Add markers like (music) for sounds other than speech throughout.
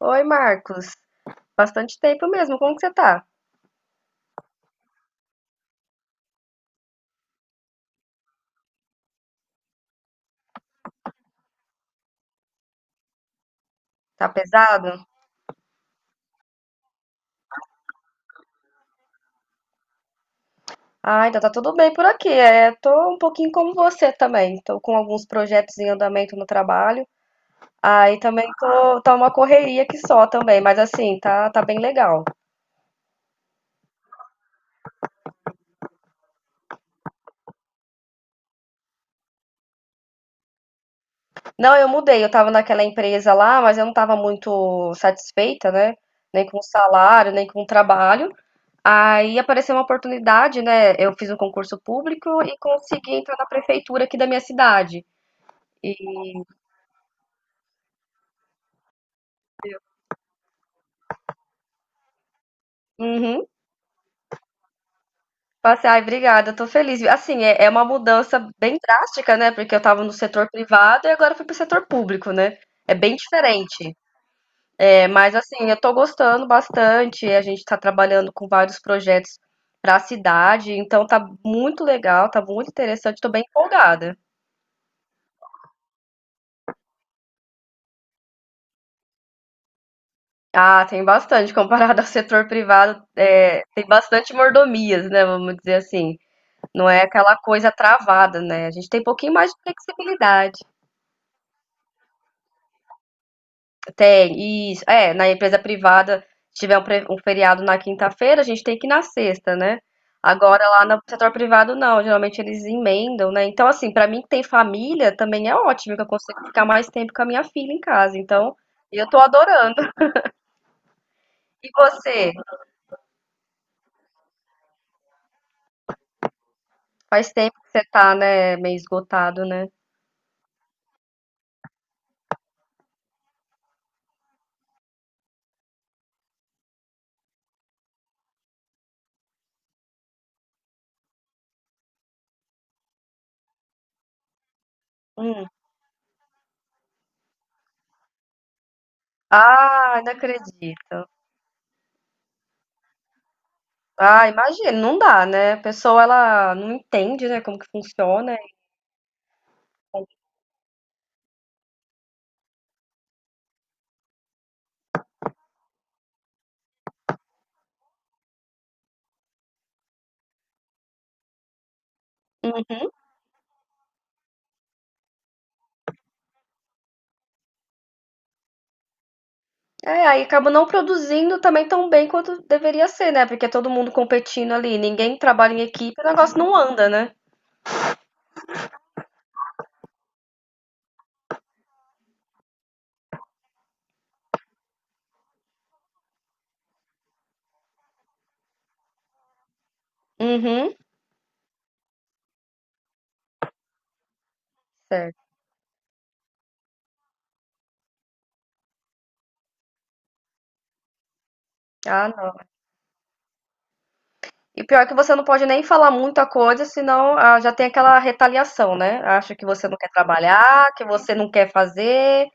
Oi, Marcos. Bastante tempo mesmo. Como que você tá? Tá pesado? Ah, então tá tudo bem por aqui. É, tô um pouquinho como você também. Tô com alguns projetos em andamento no trabalho. Aí também tô, tá uma correria que só também, mas assim, tá, tá bem legal. Não, eu mudei. Eu tava naquela empresa lá, mas eu não tava muito satisfeita, né? Nem com o salário, nem com o trabalho. Aí apareceu uma oportunidade, né? Eu fiz um concurso público e consegui entrar na prefeitura aqui da minha cidade. E, uhum. Passei, ai, obrigada, eu tô feliz. Assim, é, é uma mudança bem drástica, né? Porque eu tava no setor privado e agora fui pro setor público, né? É bem diferente. É, mas assim, eu tô gostando bastante. A gente tá trabalhando com vários projetos pra cidade, então tá muito legal, tá muito interessante, tô bem empolgada. Ah, tem bastante, comparado (laughs) ao setor privado, é, tem bastante mordomias, né? Vamos dizer assim. Não é aquela coisa travada, né? A gente tem um pouquinho mais de flexibilidade. Tem, isso. É, na empresa privada, se tiver um, um feriado na quinta-feira, a gente tem que ir na sexta, né? Agora lá no setor privado, não. Geralmente eles emendam, né? Então, assim, pra mim que tem família, também é ótimo, que eu consigo ficar mais tempo com a minha filha em casa. Então, eu tô adorando. E você? Faz tempo que você tá, né, meio esgotado, né? Hum. Ah, não acredito. Ah, imagina, não dá, né? A pessoa, ela não entende, né, como que funciona. É, aí acaba não produzindo também tão bem quanto deveria ser, né? Porque é todo mundo competindo ali, ninguém trabalha em equipe, o negócio não anda, né? Uhum. Certo. Ah, não. E pior que você não pode nem falar muita coisa, senão ah, já tem aquela retaliação, né? Acha que você não quer trabalhar, que você não quer fazer,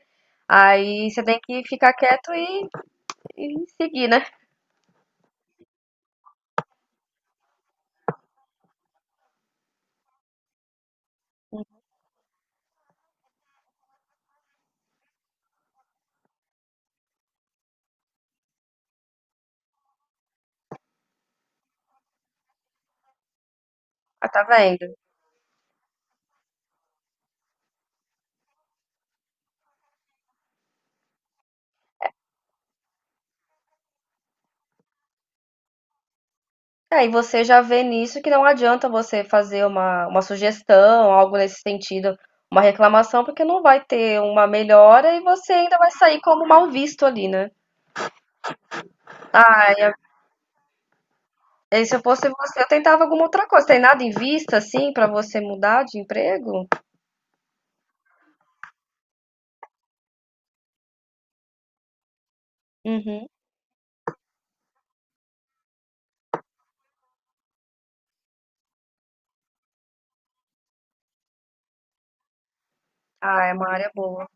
aí você tem que ficar quieto e seguir, né? Ah, tá vendo? É, e você já vê nisso que não adianta você fazer uma sugestão, algo nesse sentido, uma reclamação, porque não vai ter uma melhora e você ainda vai sair como mal visto ali, né? Ah, e se eu fosse você, eu tentava alguma outra coisa. Tem nada em vista, assim, pra você mudar de emprego? Uhum. Ah, é uma área boa.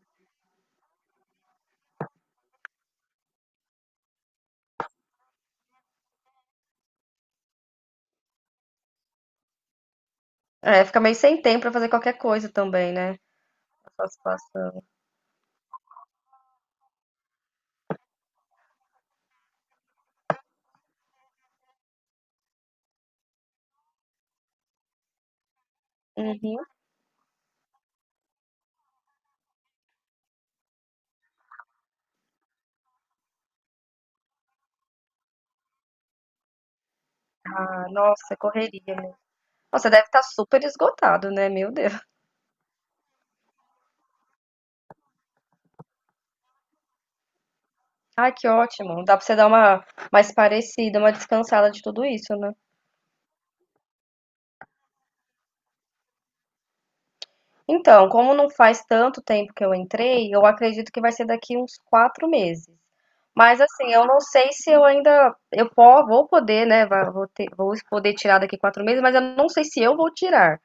É, fica meio sem tempo pra fazer qualquer coisa também, né? Essa situação. Uhum. Ah, nossa, correria, né? Nossa, deve estar super esgotado, né? Meu Deus. Ai, que ótimo. Dá pra você dar uma mais parecida, uma descansada de tudo isso, né? Então, como não faz tanto tempo que eu entrei, eu acredito que vai ser daqui uns 4 meses. Mas assim, eu não sei se eu ainda vou poder, né? Vou vou poder tirar daqui 4 meses, mas eu não sei se eu vou tirar,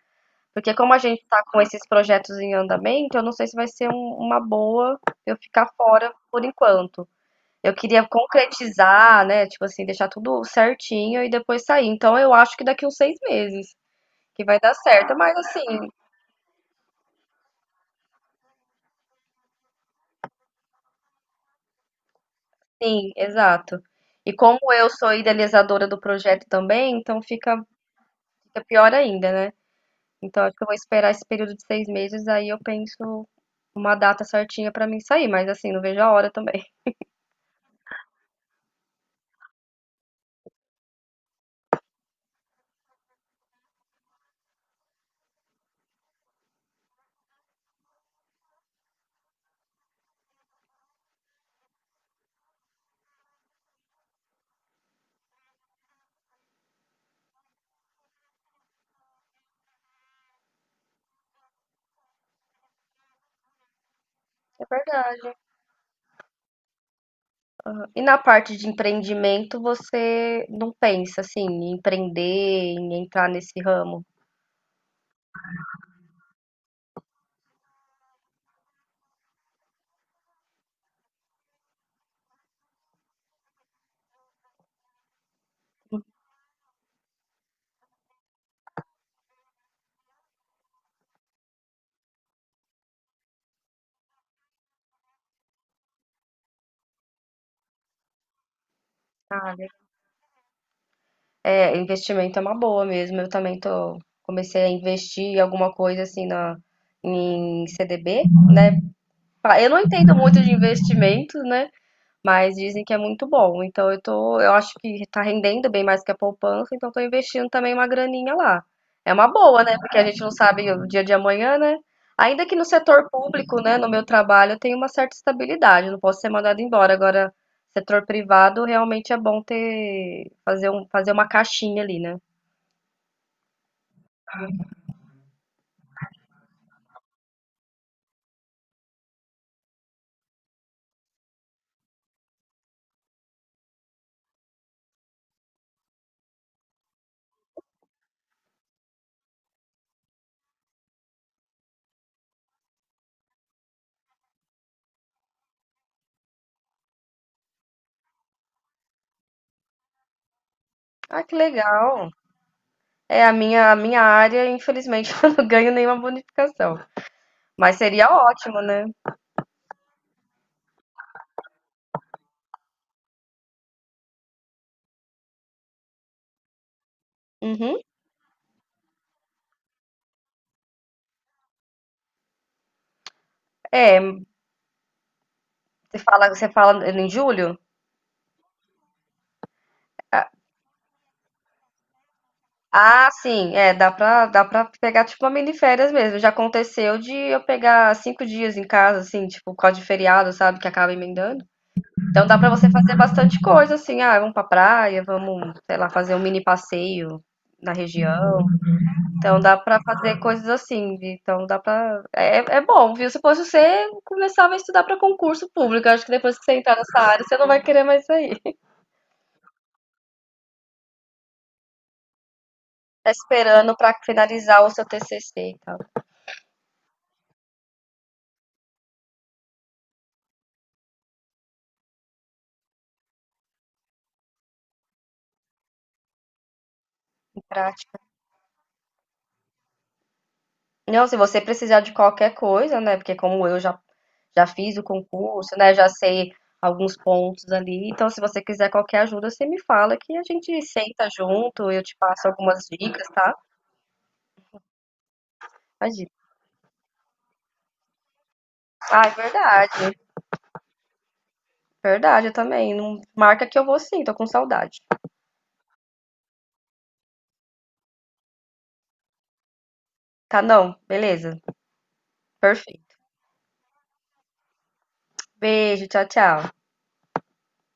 porque como a gente tá com esses projetos em andamento, eu não sei se vai ser uma boa eu ficar fora por enquanto. Eu queria concretizar, né, tipo assim, deixar tudo certinho e depois sair. Então eu acho que daqui uns 6 meses que vai dar certo. Mas assim, sim, exato. E como eu sou idealizadora do projeto também, então fica, fica pior ainda, né? Então acho que eu vou esperar esse período de 6 meses, aí eu penso uma data certinha pra mim sair. Mas assim, não vejo a hora também. (laughs) É verdade. E na parte de empreendimento, você não pensa assim, em empreender, em entrar nesse ramo? É, investimento é uma boa mesmo. Eu também tô, comecei a investir em alguma coisa assim na, em CDB, né? Eu não entendo muito de investimento, né? Mas dizem que é muito bom. Então eu tô, eu acho que tá rendendo bem mais que a poupança, então tô investindo também uma graninha lá. É uma boa, né? Porque a gente não sabe o dia de amanhã, né? Ainda que no setor público, né, no meu trabalho, eu tenho uma certa estabilidade, não posso ser mandado embora. Agora, setor privado, realmente é bom ter fazer um, fazer uma caixinha ali, né? Ah, que legal. É a minha área, infelizmente, (laughs) eu não ganho nenhuma bonificação, mas seria ótimo, né? Uhum. É, você fala em julho? Ah, sim, é, dá pra pegar tipo uma mini férias mesmo. Já aconteceu de eu pegar 5 dias em casa, assim, tipo, por causa de feriado, sabe, que acaba emendando. Então dá pra você fazer bastante coisa, assim, ah, vamos pra praia, vamos, sei lá, fazer um mini passeio na região. Então dá pra fazer coisas assim, vi? Então dá pra. É, é bom, viu? Se fosse você, começava a estudar pra concurso público. Eu acho que depois que você entrar nessa área, você não vai querer mais sair. Tá esperando pra finalizar o seu TCC e tal. Pra Não, se você precisar de qualquer coisa, né? Porque como eu já, já fiz o concurso, né? Já sei alguns pontos ali. Então, se você quiser qualquer ajuda, você me fala que a gente senta junto, eu te passo algumas dicas, tá? Imagina. Ah, é verdade. Verdade, eu também. Não marca que eu vou sim, tô com saudade. Tá, não. Beleza. Perfeito. Beijo, tchau, tchau.